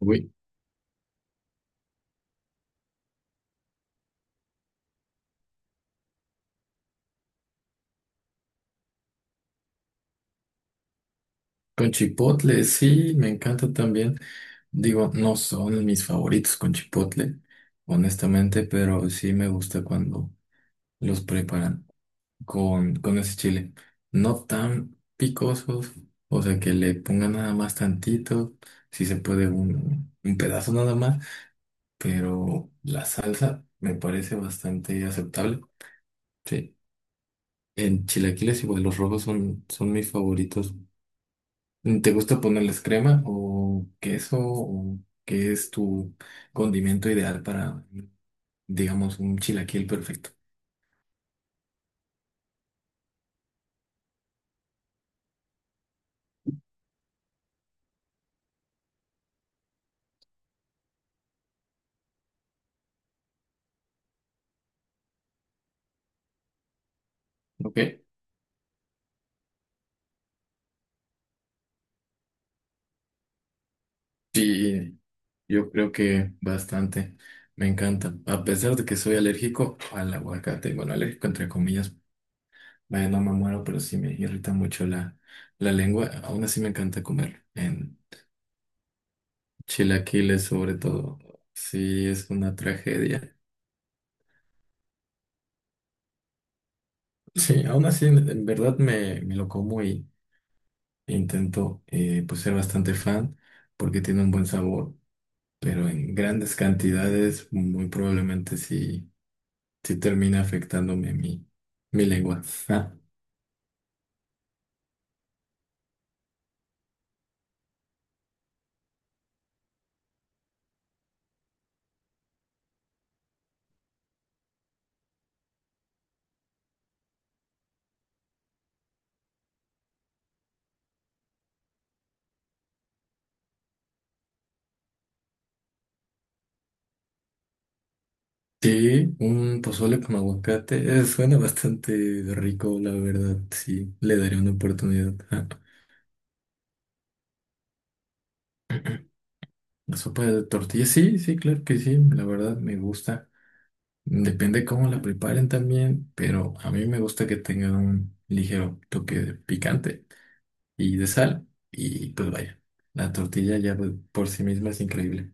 Uy, con chipotle, sí, me encanta también. Digo, no son mis favoritos con chipotle, honestamente, pero sí me gusta cuando los preparan con ese chile. No tan picosos, o sea, que le pongan nada más tantito, si se puede un pedazo nada más, pero la salsa me parece bastante aceptable. Sí, en chilaquiles igual los rojos son mis favoritos. ¿Te gusta ponerles crema o queso o qué es tu condimento ideal para, digamos, un chilaquil perfecto? Ok, sí, yo creo que bastante. Me encanta. A pesar de que soy alérgico al aguacate, bueno, alérgico entre comillas, vaya, no me muero, pero sí me irrita mucho la lengua. Aún así me encanta comer en chilaquiles, sobre todo. Sí, es una tragedia. Sí, aún así, en verdad me lo como. Intento pues ser bastante fan porque tiene un buen sabor, pero en grandes cantidades muy probablemente sí, sí termina afectándome mi lengua. Ah, sí, un pozole con aguacate suena bastante rico, la verdad, sí, le daré una oportunidad. Ah, la sopa de tortilla, sí, sí, claro que sí, la verdad me gusta. Depende cómo la preparen también, pero a mí me gusta que tenga un ligero toque de picante y de sal. Y pues vaya, la tortilla ya por sí misma es increíble.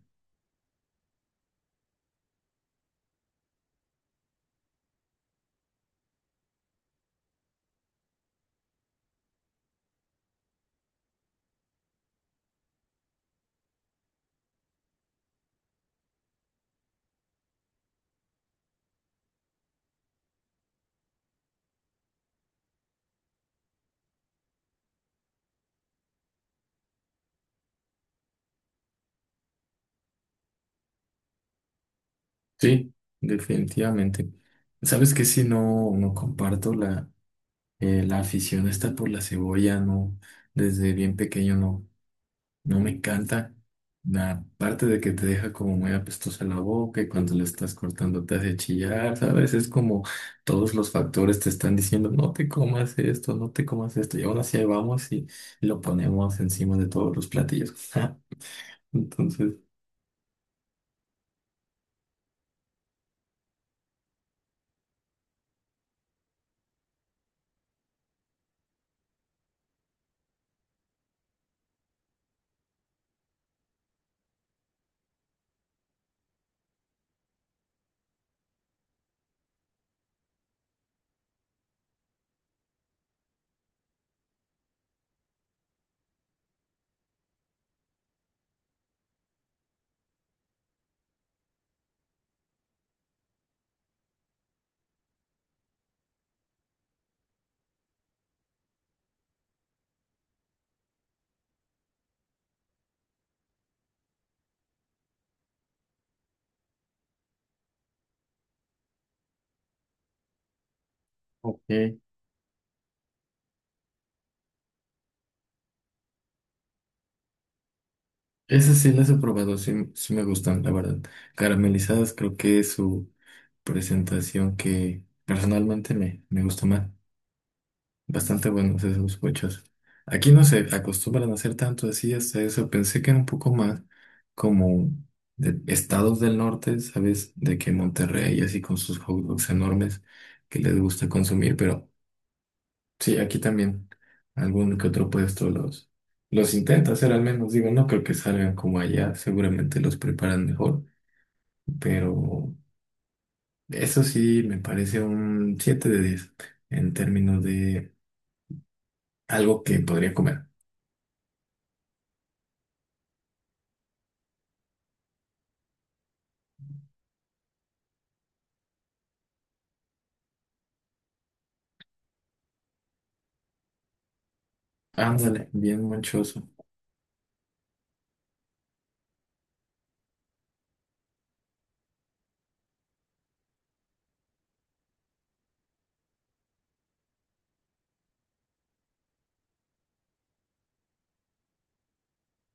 Sí, definitivamente. ¿Sabes qué? Si no, no comparto la afición esta por la cebolla, no, desde bien pequeño no, no me encanta. La parte de que te deja como muy apestosa la boca y cuando la estás cortando te hace chillar, ¿sabes? Es como todos los factores te están diciendo, no te comas esto, no te comas esto, y aún así ahí vamos y lo ponemos encima de todos los platillos. Entonces, ok. Esas sí las he probado, sí, sí me gustan, la verdad. Caramelizadas creo que es su presentación que personalmente me gusta más. Bastante buenos esos cochos. Aquí no se acostumbran a hacer tanto así, hasta eso. Pensé que era un poco más como de estados del norte, ¿sabes? De que Monterrey, así con sus hot dogs enormes que les gusta consumir, pero. Sí, aquí también algún que otro puesto los intenta hacer al menos. Digo, no creo que salgan como allá, seguramente los preparan mejor, pero eso sí me parece un 7 de 10 en términos de algo que podría comer. Ándale, bien manchoso.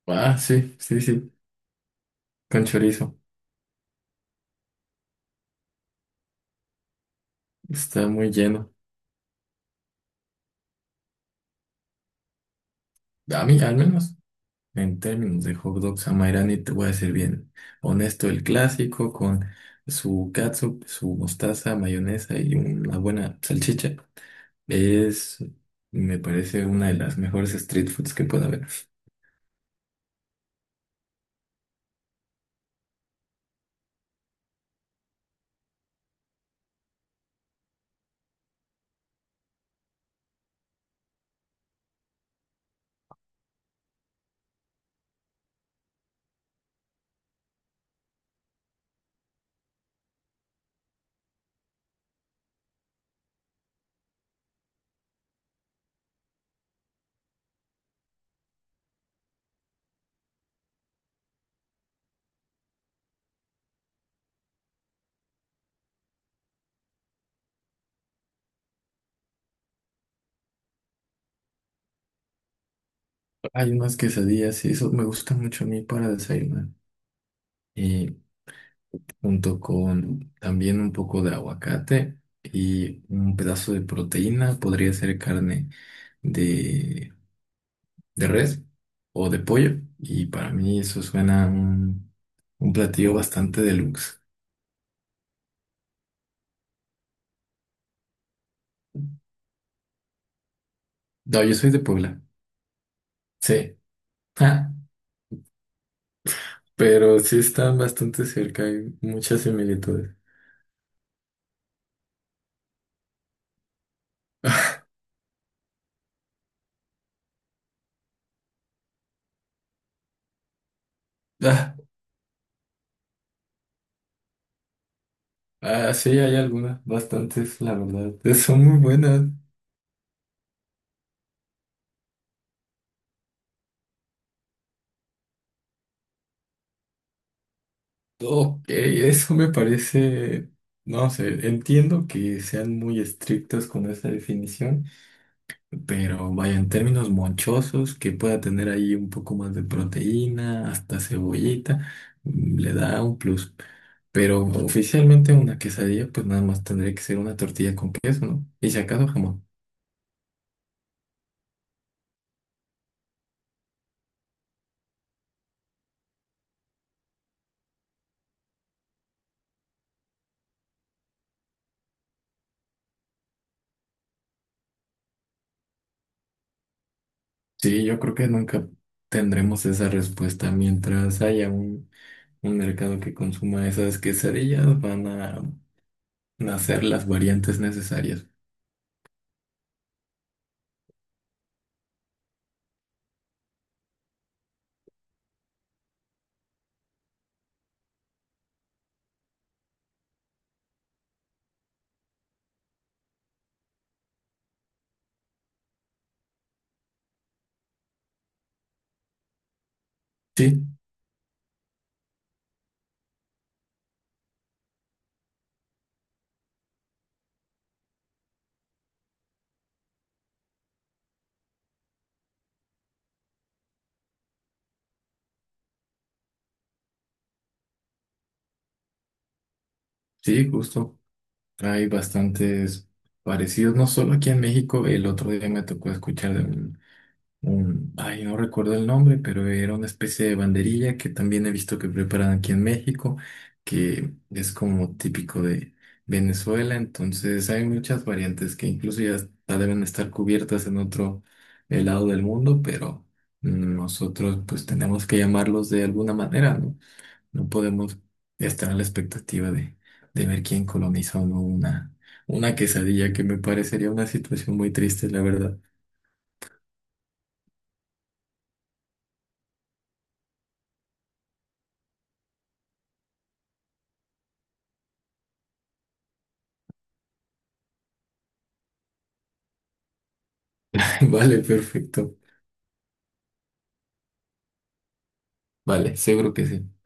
Ah, sí, sí, sí, con chorizo. Está muy lleno. A mí, al menos, en términos de hot dog Samairani, te voy a decir bien honesto, el clásico con su catsup, su mostaza, mayonesa y una buena salchicha es, me parece, una de las mejores street foods que puede haber. Hay unas quesadillas y eso me gusta mucho a mí para desayunar. Y junto con también un poco de aguacate y un pedazo de proteína, podría ser carne de de res o de pollo. Y para mí eso suena a un platillo bastante deluxe. No, yo soy de Puebla. Sí. Ah, pero sí están bastante cerca, hay muchas similitudes. Ah, ah, sí, hay algunas, bastantes, la verdad. Son muy buenas. Ok, eso me parece, no sé, entiendo que sean muy estrictos con esa definición. Pero vaya, en términos monchosos, que pueda tener ahí un poco más de proteína, hasta cebollita, le da un plus. Pero oficialmente una quesadilla, pues nada más tendría que ser una tortilla con queso, ¿no? Y si acaso jamón. Sí, yo creo que nunca tendremos esa respuesta. Mientras haya un mercado que consuma esas quesadillas, van a nacer las variantes necesarias. Sí, sí, justo. Hay bastantes parecidos, no solo aquí en México, el otro día me tocó escuchar de un, ay, no recuerdo el nombre, pero era una especie de banderilla que también he visto que preparan aquí en México, que es como típico de Venezuela, entonces hay muchas variantes que incluso ya hasta deben estar cubiertas en otro lado del mundo, pero nosotros pues tenemos que llamarlos de alguna manera, ¿no? No podemos estar a la expectativa de ver quién coloniza o no una, una quesadilla, que me parecería una situación muy triste, la verdad. Vale, perfecto. Vale, seguro que sí.